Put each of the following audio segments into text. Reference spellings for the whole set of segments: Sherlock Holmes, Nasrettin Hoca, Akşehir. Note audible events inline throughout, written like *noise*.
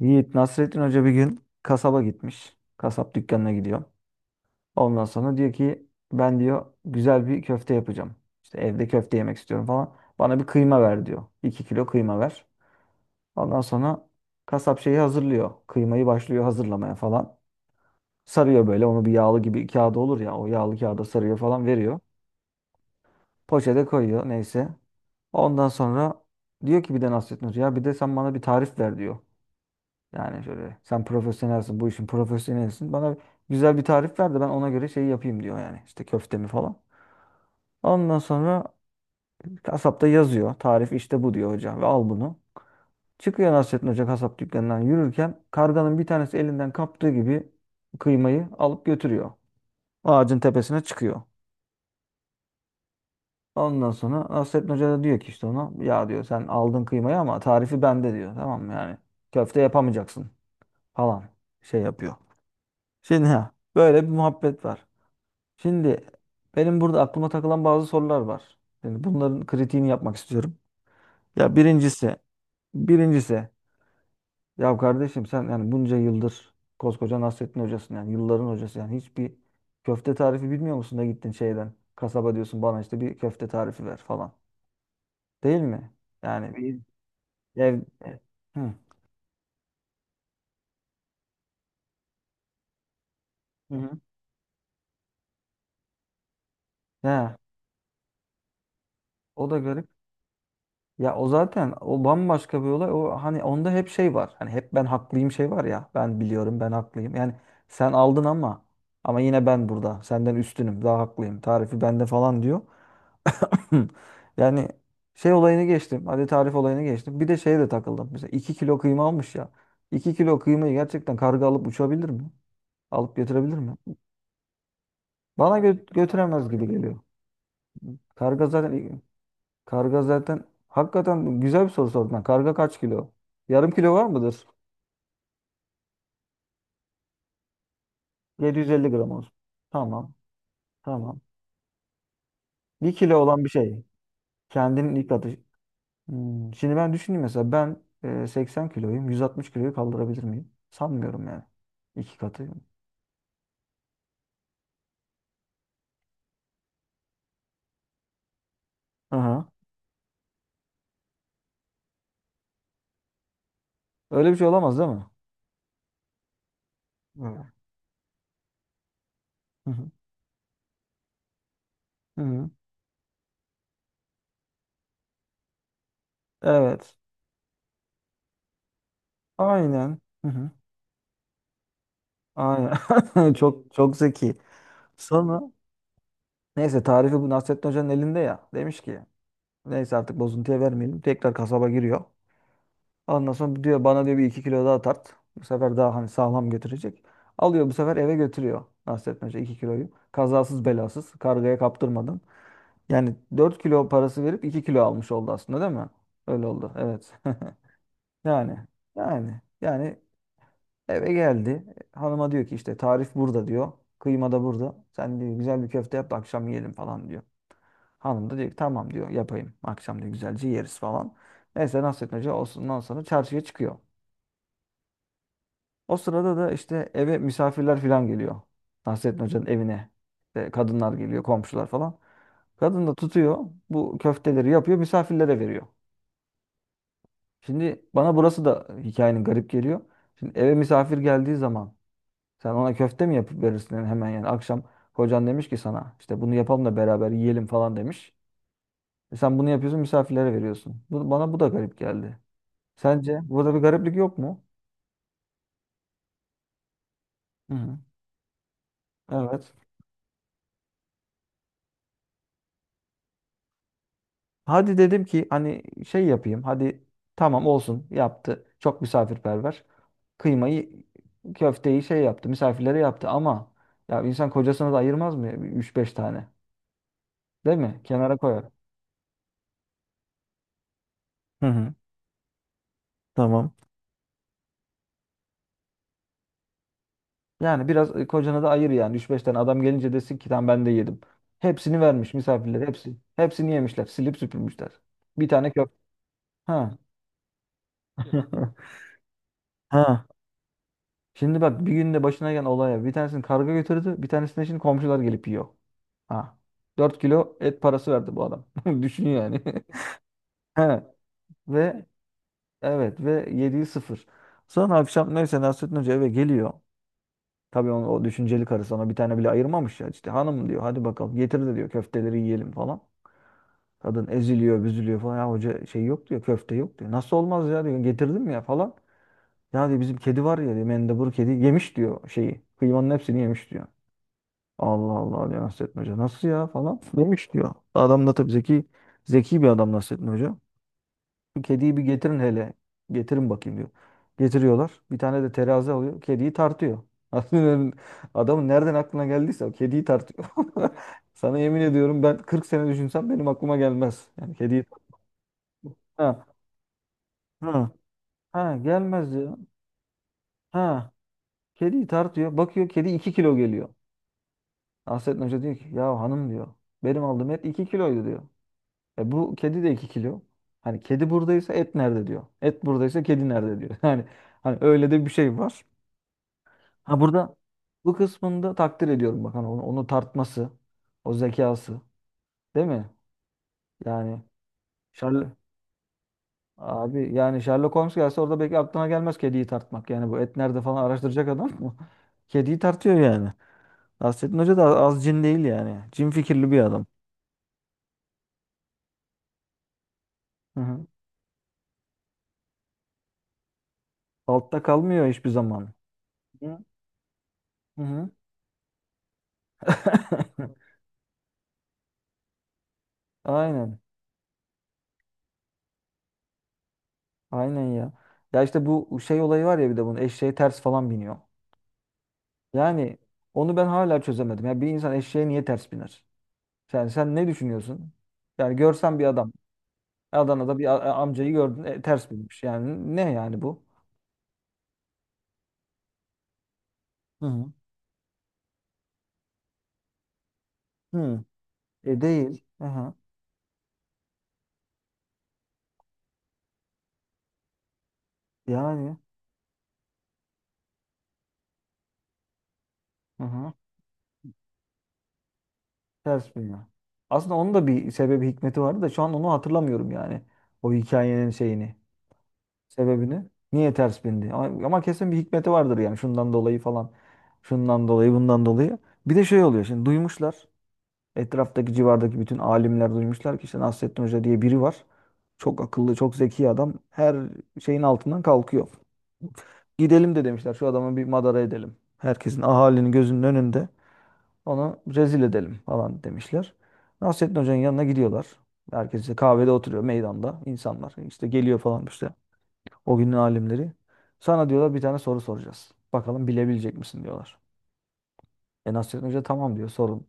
Yiğit Nasrettin Hoca bir gün kasaba gitmiş. Kasap dükkanına gidiyor. Ondan sonra diyor ki ben diyor güzel bir köfte yapacağım. İşte evde köfte yemek istiyorum falan. Bana bir kıyma ver diyor. 2 kilo kıyma ver. Ondan sonra kasap şeyi hazırlıyor. Kıymayı başlıyor hazırlamaya falan. Sarıyor böyle onu bir yağlı gibi kağıda olur ya, o yağlı kağıda sarıyor falan veriyor. Poşete koyuyor neyse. Ondan sonra diyor ki bir de Nasrettin Hoca ya bir de sen bana bir tarif ver diyor. Yani şöyle sen profesyonelsin, bu işin profesyonelsin. Bana güzel bir tarif ver de ben ona göre şey yapayım diyor yani. İşte köftemi falan. Ondan sonra kasapta yazıyor. Tarif işte bu diyor hocam, ve al bunu. Çıkıyor Nasrettin Hoca kasap dükkanından yürürken karganın bir tanesi elinden kaptığı gibi kıymayı alıp götürüyor. Ağacın tepesine çıkıyor. Ondan sonra Nasrettin Hoca da diyor ki işte ona ya diyor sen aldın kıymayı ama tarifi bende diyor. Tamam mı yani, köfte yapamayacaksın falan şey yapıyor. Şimdi ha, böyle bir muhabbet var. Şimdi benim burada aklıma takılan bazı sorular var. Şimdi bunların kritiğini yapmak istiyorum. Ya birincisi, birincisi ya kardeşim sen yani bunca yıldır koskoca Nasrettin hocasın, yani yılların hocası, yani hiçbir köfte tarifi bilmiyor musun da gittin şeyden kasaba diyorsun bana işte bir köfte tarifi ver falan. Değil mi? Yani tabii. ev, Hı. Hı hı. Ya, o da garip. Ya, o zaten o bambaşka bir olay. O hani onda hep şey var. Hani hep ben haklıyım şey var ya. Ben biliyorum, ben haklıyım. Yani sen aldın ama, ama yine ben burada. Senden üstünüm. Daha haklıyım. Tarifi bende falan diyor. *clears throat* Yani şey olayını geçtim. Hadi tarif olayını geçtim. Bir de şeye de takıldım. Mesela 2 kilo kıyma almış ya. İki kilo kıymayı gerçekten karga alıp uçabilir mi? Alıp götürebilir mi? Bana götüremez gibi geliyor. Karga zaten Karga zaten hakikaten güzel bir soru sordun. Ha. Karga kaç kilo? Yarım kilo var mıdır? 750 gram olsun. Tamam. Tamam. 1 kilo olan bir şey. Kendinin ilk atışı. Şimdi ben düşüneyim, mesela ben 80 kiloyum. 160 kiloyu kaldırabilir miyim? Sanmıyorum yani. İki katı. Aha. Öyle bir şey olamaz değil mi? Evet. Hı hı. Hı hı. Evet. Aynen. Hı hı. Aynen. *laughs* Çok çok zeki. Sonra neyse tarifi bu Nasrettin Hoca'nın elinde ya. Demiş ki neyse artık bozuntuya vermeyelim. Tekrar kasaba giriyor. Ondan sonra diyor bana diyor bir iki kilo daha tart. Bu sefer daha hani sağlam götürecek. Alıyor bu sefer eve götürüyor Nasrettin Hoca, 2 kiloyu. Kazasız belasız kargaya kaptırmadan. Yani 4 kilo parası verip 2 kilo almış oldu aslında değil mi? Öyle oldu evet. *laughs* Yani Yani eve geldi. Hanıma diyor ki işte tarif burada diyor. Kıyma da burada. Sen diyor güzel bir köfte yap da akşam yiyelim falan diyor. Hanım da diyor ki tamam diyor yapayım. Akşam diyor güzelce yeriz falan. Neyse nasıl Hoca, ondan sonra çarşıya çıkıyor. O sırada da işte eve misafirler falan geliyor. Nasrettin Hoca'nın evine. İşte kadınlar geliyor, komşular falan. Kadın da tutuyor bu köfteleri yapıyor, misafirlere veriyor. Şimdi bana burası da hikayenin garip geliyor. Şimdi eve misafir geldiği zaman sen ona köfte mi yapıp verirsin? Yani hemen, yani akşam kocan demiş ki sana işte bunu yapalım da beraber yiyelim falan demiş. E sen bunu yapıyorsun, misafirlere veriyorsun. Bu, bana bu da garip geldi. Sence burada bir gariplik yok mu? Hı hı. Evet. Hadi dedim ki hani şey yapayım. Hadi tamam olsun, yaptı. Çok misafirperver. Kıymayı, köfteyi şey yaptı. Misafirlere yaptı ama ya insan kocasına da ayırmaz mı? 3-5 tane. Değil mi? Kenara koyar. Hı hı. Tamam. Yani biraz kocana da ayır yani. Üç 5 tane adam gelince desin ki tamam ben de yedim. Hepsini vermiş misafirler hepsi. Hepsini yemişler. Silip süpürmüşler. Bir tane köfte. Ha. *laughs* Ha. Şimdi bak bir günde başına gelen olaya, bir tanesini karga götürdü, bir tanesini şimdi komşular gelip yiyor. Ha. 4 kilo et parası verdi bu adam. *laughs* Düşün yani. *laughs* He. Ve evet, ve yediği sıfır. Sonra akşam neyse Nasrettin Hoca eve geliyor. Tabii onun, o düşünceli karısı, ona bir tane bile ayırmamış ya. İşte hanım diyor hadi bakalım getir de diyor köfteleri yiyelim falan. Kadın eziliyor büzülüyor falan. Ya hoca şey yok diyor, köfte yok diyor. Nasıl olmaz ya diyor, getirdim ya falan. Ya diyor bizim kedi var ya diyor, mendebur kedi yemiş diyor şeyi. Kıymanın hepsini yemiş diyor. Allah Allah diyor Nasrettin Hoca. Nasıl ya falan. Yemiş diyor. Adam da tabii zeki, bir adam Nasrettin Hoca. Bu kediyi bir getirin hele. Getirin bakayım diyor. Getiriyorlar. Bir tane de terazi alıyor. Kediyi tartıyor. *laughs* Aslında adamın nereden aklına geldiyse, o kediyi tartıyor. *laughs* Sana yemin ediyorum ben 40 sene düşünsem benim aklıma gelmez. Yani kediyi ha ha ha gelmez diyor. Ha, kediyi tartıyor. Bakıyor kedi 2 kilo geliyor. Nasrettin Hoca diyor ki ya hanım diyor benim aldığım et 2 kiloydu diyor. E bu kedi de 2 kilo. Hani kedi buradaysa et nerede diyor. Et buradaysa kedi nerede diyor. *laughs* Yani hani öyle de bir şey var. Ha burada, bu kısmında takdir ediyorum bak hani onu tartması, o zekası, değil mi? Yani Sherlock abi yani Sherlock Holmes gelse orada belki aklına gelmez kediyi tartmak. Yani bu et nerede falan araştıracak adam mı? *laughs* Kediyi tartıyor yani. Nasrettin Hoca da az cin değil yani. Cin fikirli bir adam. Hı hı. Altta kalmıyor hiçbir zaman. Hı? Hı hı. *laughs* Aynen. Aynen ya. Ya işte bu şey olayı var ya, bir de bunun eşeğe ters falan biniyor. Yani onu ben hala çözemedim. Ya bir insan eşeğe niye ters biner? Yani sen ne düşünüyorsun? Yani görsen bir adam Adana'da, bir amcayı gördün ters binmiş. Yani ne yani bu? Hı hı. Hı. E değil. Aha. Yani hı hı. Ters biniyor. Aslında onun da bir sebebi hikmeti vardı da şu an onu hatırlamıyorum yani. O hikayenin şeyini. Sebebini? Niye ters bindi? Ama, ama kesin bir hikmeti vardır yani, şundan dolayı falan. Şundan dolayı, bundan dolayı. Bir de şey oluyor, şimdi duymuşlar. Etraftaki civardaki bütün alimler duymuşlar ki işte Nasrettin Hoca diye biri var. Çok akıllı, çok zeki adam. Her şeyin altından kalkıyor. Gidelim de demişler şu adamı bir madara edelim. Herkesin, ahalinin gözünün önünde onu rezil edelim falan demişler. Nasrettin Hoca'nın yanına gidiyorlar. Herkes işte kahvede oturuyor meydanda insanlar. İşte geliyor falan, İşte o günün alimleri. Sana diyorlar bir tane soru soracağız. Bakalım bilebilecek misin diyorlar. E Nasrettin Hoca tamam diyor sorun.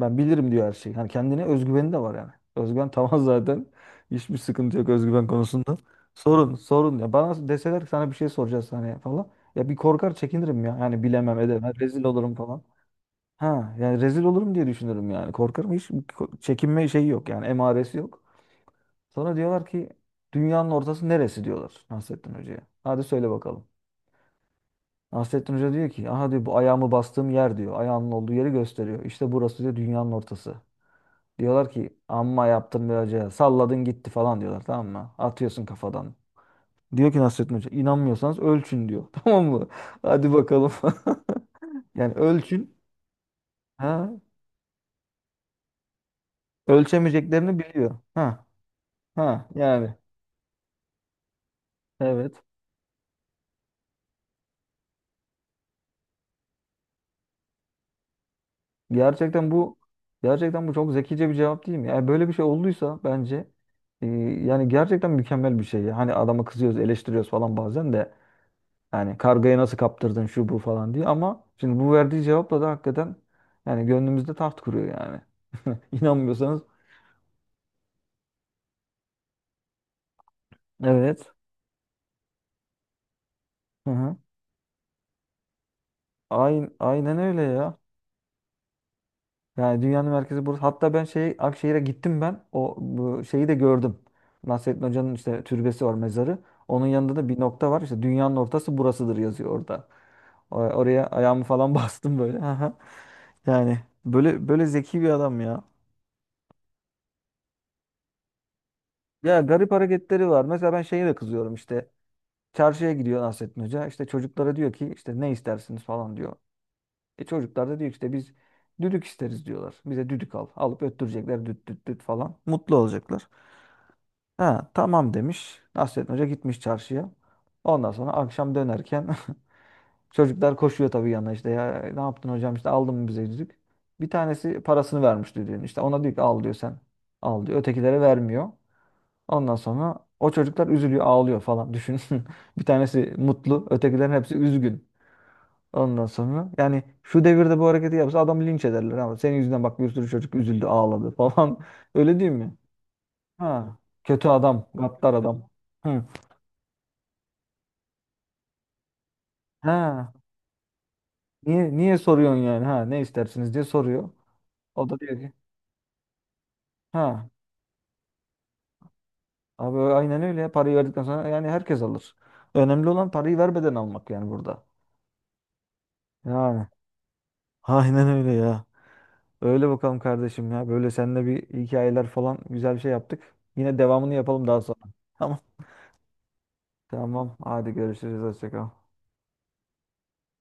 Ben bilirim diyor her şeyi. Hani kendine özgüveni de var yani. Özgüven *laughs* tamam zaten. Hiçbir sıkıntı yok özgüven konusunda. Sorun sorun ya. Bana deseler ki sana bir şey soracağız hani falan. Ya bir korkar çekinirim ya. Yani bilemem edemem. Rezil olurum falan. Ha yani rezil olurum diye düşünürüm yani. Korkarım, hiç çekinme şeyi yok yani, emaresi yok. Sonra diyorlar ki dünyanın ortası neresi diyorlar Nasrettin Hoca'ya. Hadi söyle bakalım. Nasrettin Hoca diyor ki aha diyor bu ayağımı bastığım yer diyor. Ayağımın olduğu yeri gösteriyor. İşte burası diyor dünyanın ortası. Diyorlar ki amma yaptın be hoca, salladın gitti falan diyorlar tamam mı? Atıyorsun kafadan. Diyor ki Nasrettin Hoca inanmıyorsanız ölçün diyor. *laughs* Tamam mı? Hadi bakalım. *laughs* Yani ölçün. Ha? Ölçemeyeceklerini biliyor. Ha. Ha. Yani. Evet. Gerçekten bu Gerçekten bu çok zekice bir cevap değil mi? Yani böyle bir şey olduysa bence yani gerçekten mükemmel bir şey. Hani adama kızıyoruz, eleştiriyoruz falan bazen de, yani kargayı nasıl kaptırdın şu bu falan diye, ama şimdi bu verdiği cevapla da hakikaten yani gönlümüzde taht kuruyor yani. *laughs* İnanmıyorsanız evet. Hı hı. Aynen, öyle ya. Yani dünyanın merkezi burası. Hatta ben şey Akşehir'e gittim ben. O bu şeyi de gördüm. Nasrettin Hoca'nın işte türbesi var, mezarı. Onun yanında da bir nokta var. İşte dünyanın ortası burasıdır yazıyor orada. Oraya ayağımı falan *laughs* bastım böyle. Aha. Yani böyle böyle zeki bir adam ya. Ya garip hareketleri var. Mesela ben şeye de kızıyorum işte. Çarşıya gidiyor Nasrettin Hoca. İşte çocuklara diyor ki işte ne istersiniz falan diyor. E çocuklar da diyor ki işte biz düdük isteriz diyorlar. Bize düdük al. Alıp öttürecekler düt düt düt falan. Mutlu olacaklar. Ha, tamam demiş. Nasrettin Hoca gitmiş çarşıya. Ondan sonra akşam dönerken *laughs* çocuklar koşuyor tabii yanına işte ya ne yaptın hocam işte aldın mı bize yüzük? Bir tanesi parasını vermiş düdüğün, işte ona diyor ki al diyor. Ötekilere vermiyor. Ondan sonra o çocuklar üzülüyor ağlıyor falan, düşün. *laughs* Bir tanesi mutlu, ötekilerin hepsi üzgün. Ondan sonra yani şu devirde bu hareketi yapsa adamı linç ederler, ama senin yüzünden bak bir sürü çocuk üzüldü ağladı falan, *laughs* öyle değil mi? Ha, kötü adam, gaddar adam. Hı. Ha, niye niye soruyorsun yani? Ha, ne istersiniz diye soruyor. O da diyor ki, ha, abi aynen öyle ya. Parayı verdikten sonra yani herkes alır. Önemli olan parayı vermeden almak yani burada. Yani. Aynen öyle ya. Öyle bakalım kardeşim ya. Böyle seninle bir hikayeler falan güzel bir şey yaptık. Yine devamını yapalım daha sonra. *laughs* Tamam. Tamam. Hadi görüşürüz. Hoşça kal.